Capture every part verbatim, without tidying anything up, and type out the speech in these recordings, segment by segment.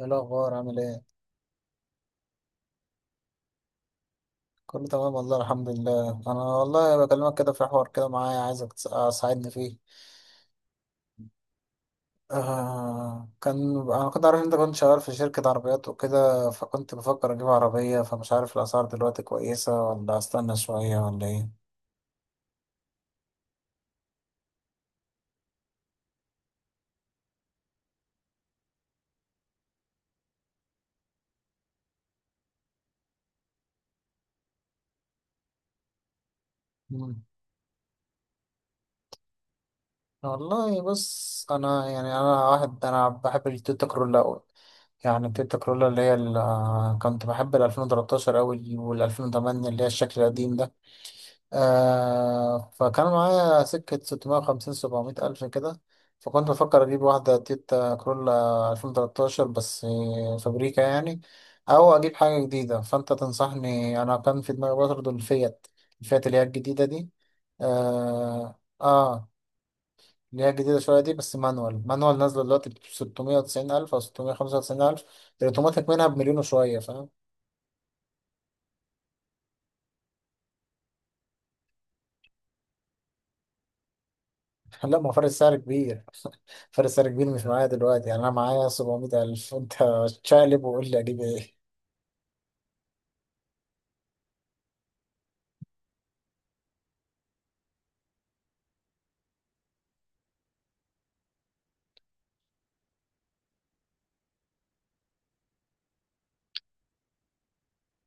ايه الاخبار، عامل ايه؟ كله تمام والله، الحمد لله. انا والله بكلمك كده في حوار كده معايا، عايزك تس- تساعدني فيه. آه كان انا كنت عارف إن انت كنت شغال في شركة عربيات وكده، فكنت بفكر اجيب عربية، فمش عارف الاسعار دلوقتي كويسة ولا استنى شوية ولا ايه. مم. والله بص، انا يعني انا واحد انا بحب التويوتا كرولا أوي. يعني التويوتا كرولا اللي هي ال- آه، كنت بحب ال ألفين وتلتاشر أوي وال ألفين وتمنية اللي هي الشكل القديم ده. آه فكان معايا سكة ستمائة وخمسين سبعمائة ألف كده. فكنت بفكر أجيب واحدة تويوتا كرولا ألفين وتلتاشر بس آه، فابريكا يعني، أو أجيب حاجة جديدة. فأنت تنصحني؟ أنا كان في دماغي برضه الفيات، الفيات اللي هي الجديدة دي. آه, آه. اللي هي الجديدة شوية دي، بس مانوال، مانوال نازلة دلوقتي ب ستمية وتسعين ألف أو ستمية وخمسة وتسعين ألف، الأوتوماتيك منها بمليون وشوية، فاهم؟ لا، ما فرق السعر كبير. فارس سعر كبير مش معايا دلوقتي، يعني انا معايا سبعمية الف، انت شقلب وقول لي اجيب ايه.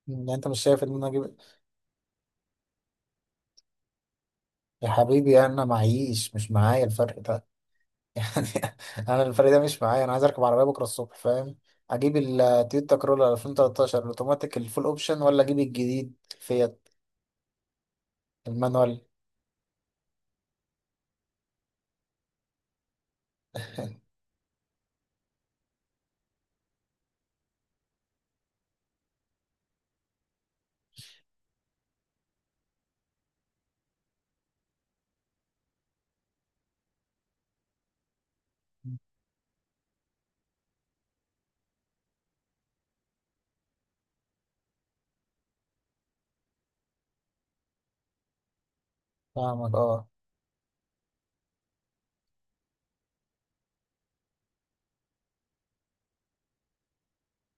يعني انت مش شايف ان انا اجيب إيه؟ يا حبيبي انا معيش، مش معايا الفرق ده. يعني انا الفرق ده مش معايا، انا عايز اركب عربيه بكره الصبح، فاهم؟ اجيب التويوتا كرولا ألفين وتلتاشر الاوتوماتيك الفول اوبشن، ولا اجيب الجديد فيات المانوال؟ فاهمك، اه.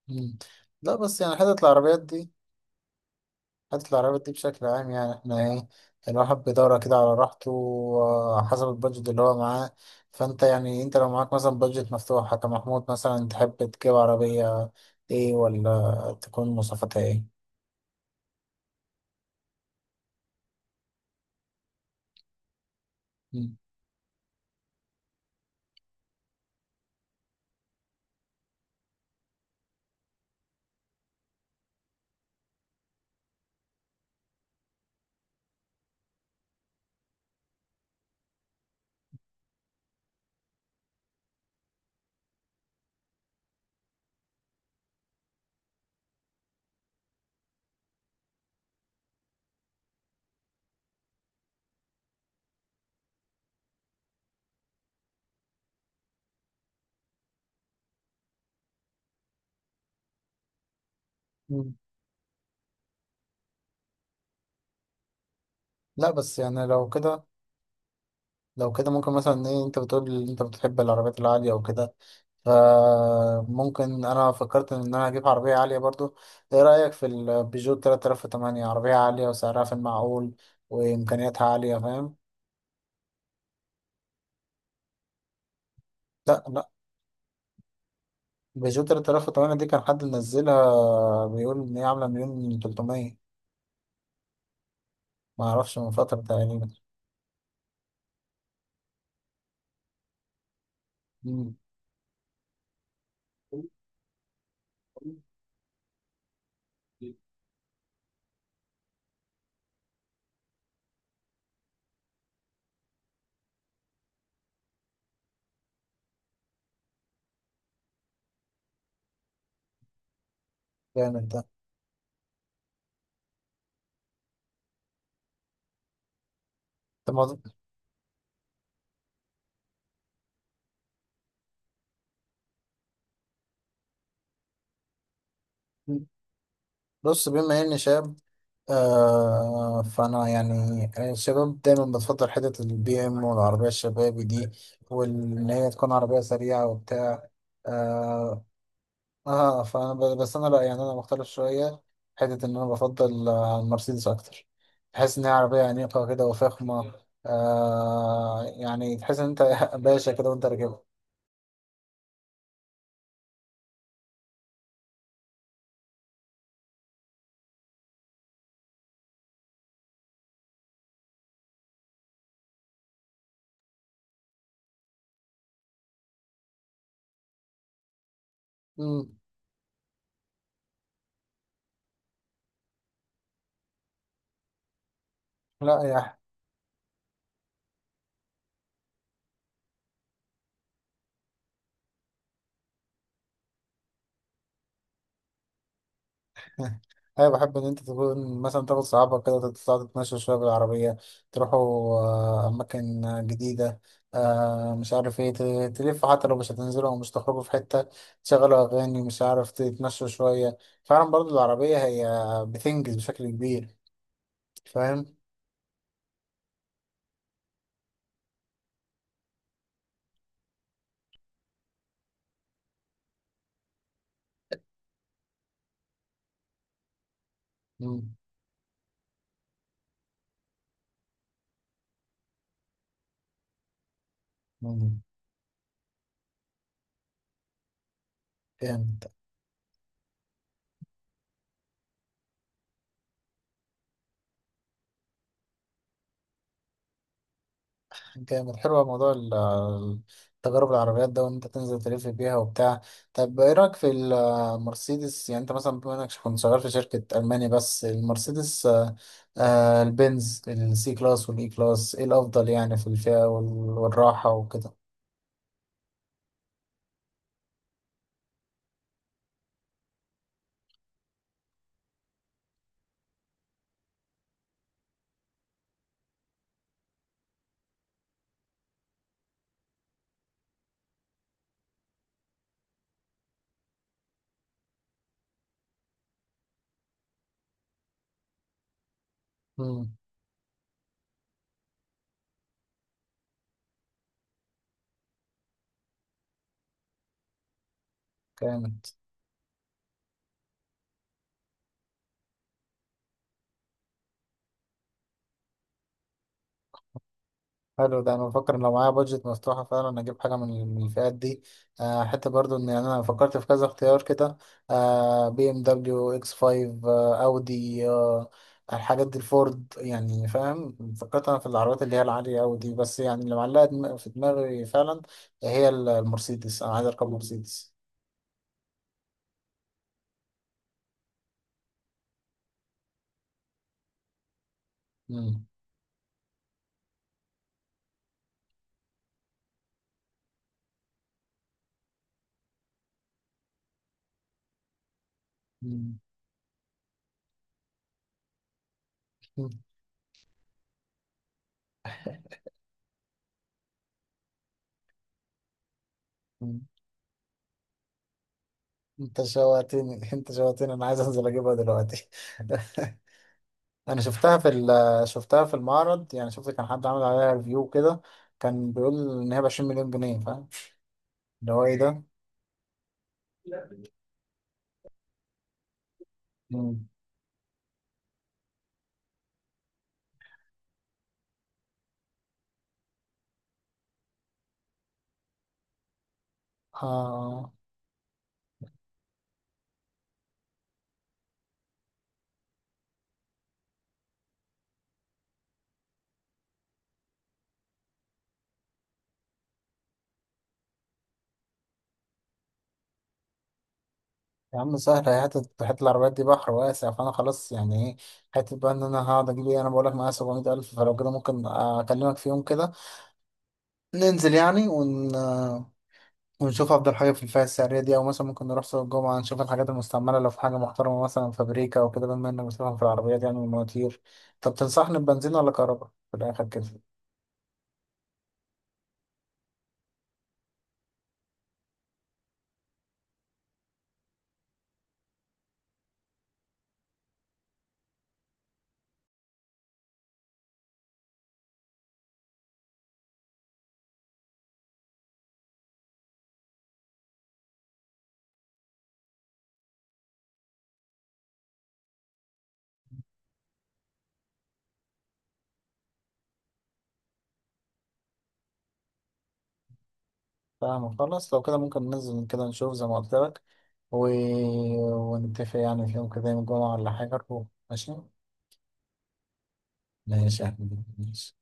مم. لا، بس يعني حتة العربيات دي حتة العربيات دي بشكل عام، يعني احنا ايه، الواحد بيدور كده على راحته، آه، حسب البادجت اللي هو معاه. فانت يعني انت لو معاك مثلا بادجت مفتوحة كمحمود مثلا، تحب تجيب عربية ايه، ولا تكون مواصفاتها ايه؟ مم. مم. لا، بس يعني لو كده، لو كده ممكن مثلا ايه، انت بتقول ان انت بتحب العربيات العالية وكده، فممكن انا فكرت ان انا اجيب عربية عالية برضو. ايه رأيك في البيجو تلاتة آلاف وتمنية؟ عربية عالية وسعرها في المعقول وامكانياتها عالية، فاهم؟ لا، لا، بيجو تلاتة آلاف وتمنية دي كان حد منزلها، بيقول ان هي عامله مليون تلتمية. ما اعرفش، من فتره تقريبا. مم. جامد ده. طب ما- بص، بما اني شاب، آه فانا يعني الشباب دايما بتفضل حتة البي ام والعربية الشبابي دي، وان هي تكون عربية سريعة وبتاع، آه اه، فانا ب- بس انا لا، يعني انا مختلف شويه. حته ان انا بفضل آه، المرسيدس اكتر، بحس ان هي عربيه انيقه كده وفخمه. آه يعني تحس ان انت باشا كده وانت راكبها. مم. لا، يا. انا بحب ان انت تكون مثلا تاخد صحابك كده، تطلع تتمشى شويه بالعربيه، تروحوا آه، اماكن جديده، آه مش عارف ايه، ت- تلفوا حتى لو مش هتنزلوا او مش تخرجوا في حته، تشغلوا اغاني، مش عارف تتمشوا شويه. فعلا برضو العربيه هي بتنجز بشكل كبير، فاهم. مم. مم. جامد، جامد، حلو موضوع ال- التجارب العربيات ده، وان انت تنزل تلف بيها وبتاع. طب ايه رايك في المرسيدس، يعني انت مثلا بما انك كنت شغال في شركه الماني، بس المرسيدس آه، آه، البنز السي كلاس والاي كلاس، ايه الافضل يعني في الفئه وال- والراحه وكده؟ امم. حلو ده. انا بفكر لو معايا بادجت مفتوحه فعلا اجيب حاجه من من الفئات دي. آه حتى برضو ان انا فكرت في كذا اختيار كده، آه بي ام دبليو اكس خمسة، آه اودي، آه الحاجات دي، الفورد، يعني فاهم. فكرت انا في العربيات اللي هي العاليه قوي دي، بس يعني اللي معلقه دم- في دماغي فعلا هي ال- المرسيدس، انا عايز اركب مرسيدس. مم. مم. مم. انت شوقتني انت شوقتني، انا عايز انزل اجيبها دلوقتي. انا شفتها في ال- شفتها في المعرض، يعني شفت كان حد عامل عليها ريفيو كده، كان بيقول ان هي ب عشرين مليون جنيه، فاهم. اللي هو ايه ده. مم. آه. يا عم سهل، هي حتة حتة العربيات دي بحر واسع، فانا خلاص يعني ايه، حتة بقى ان انا هقعد اجيب ايه. انا بقول لك معايا سبعمائة الف، فلو كده ممكن اكلمك في يوم كده ننزل، يعني ون ونشوف افضل حاجه في الفئه السعريه دي، او مثلا ممكن نروح سوق الجمعه نشوف الحاجات المستعمله لو في حاجه محترمه مثلا فابريكا او كده، بما انك بتفهم في العربيات يعني والمواتير. طب تنصحني ببنزين ولا كهرباء في الاخر كده؟ فاهم، خلاص. لو كده ممكن ننزل كده نشوف زي ما قلت لك، و... ونتفق يعني في يوم كده، يوم الجمعه ولا حاجه نروح. ماشي. ماشي يا أحمد، ماشي.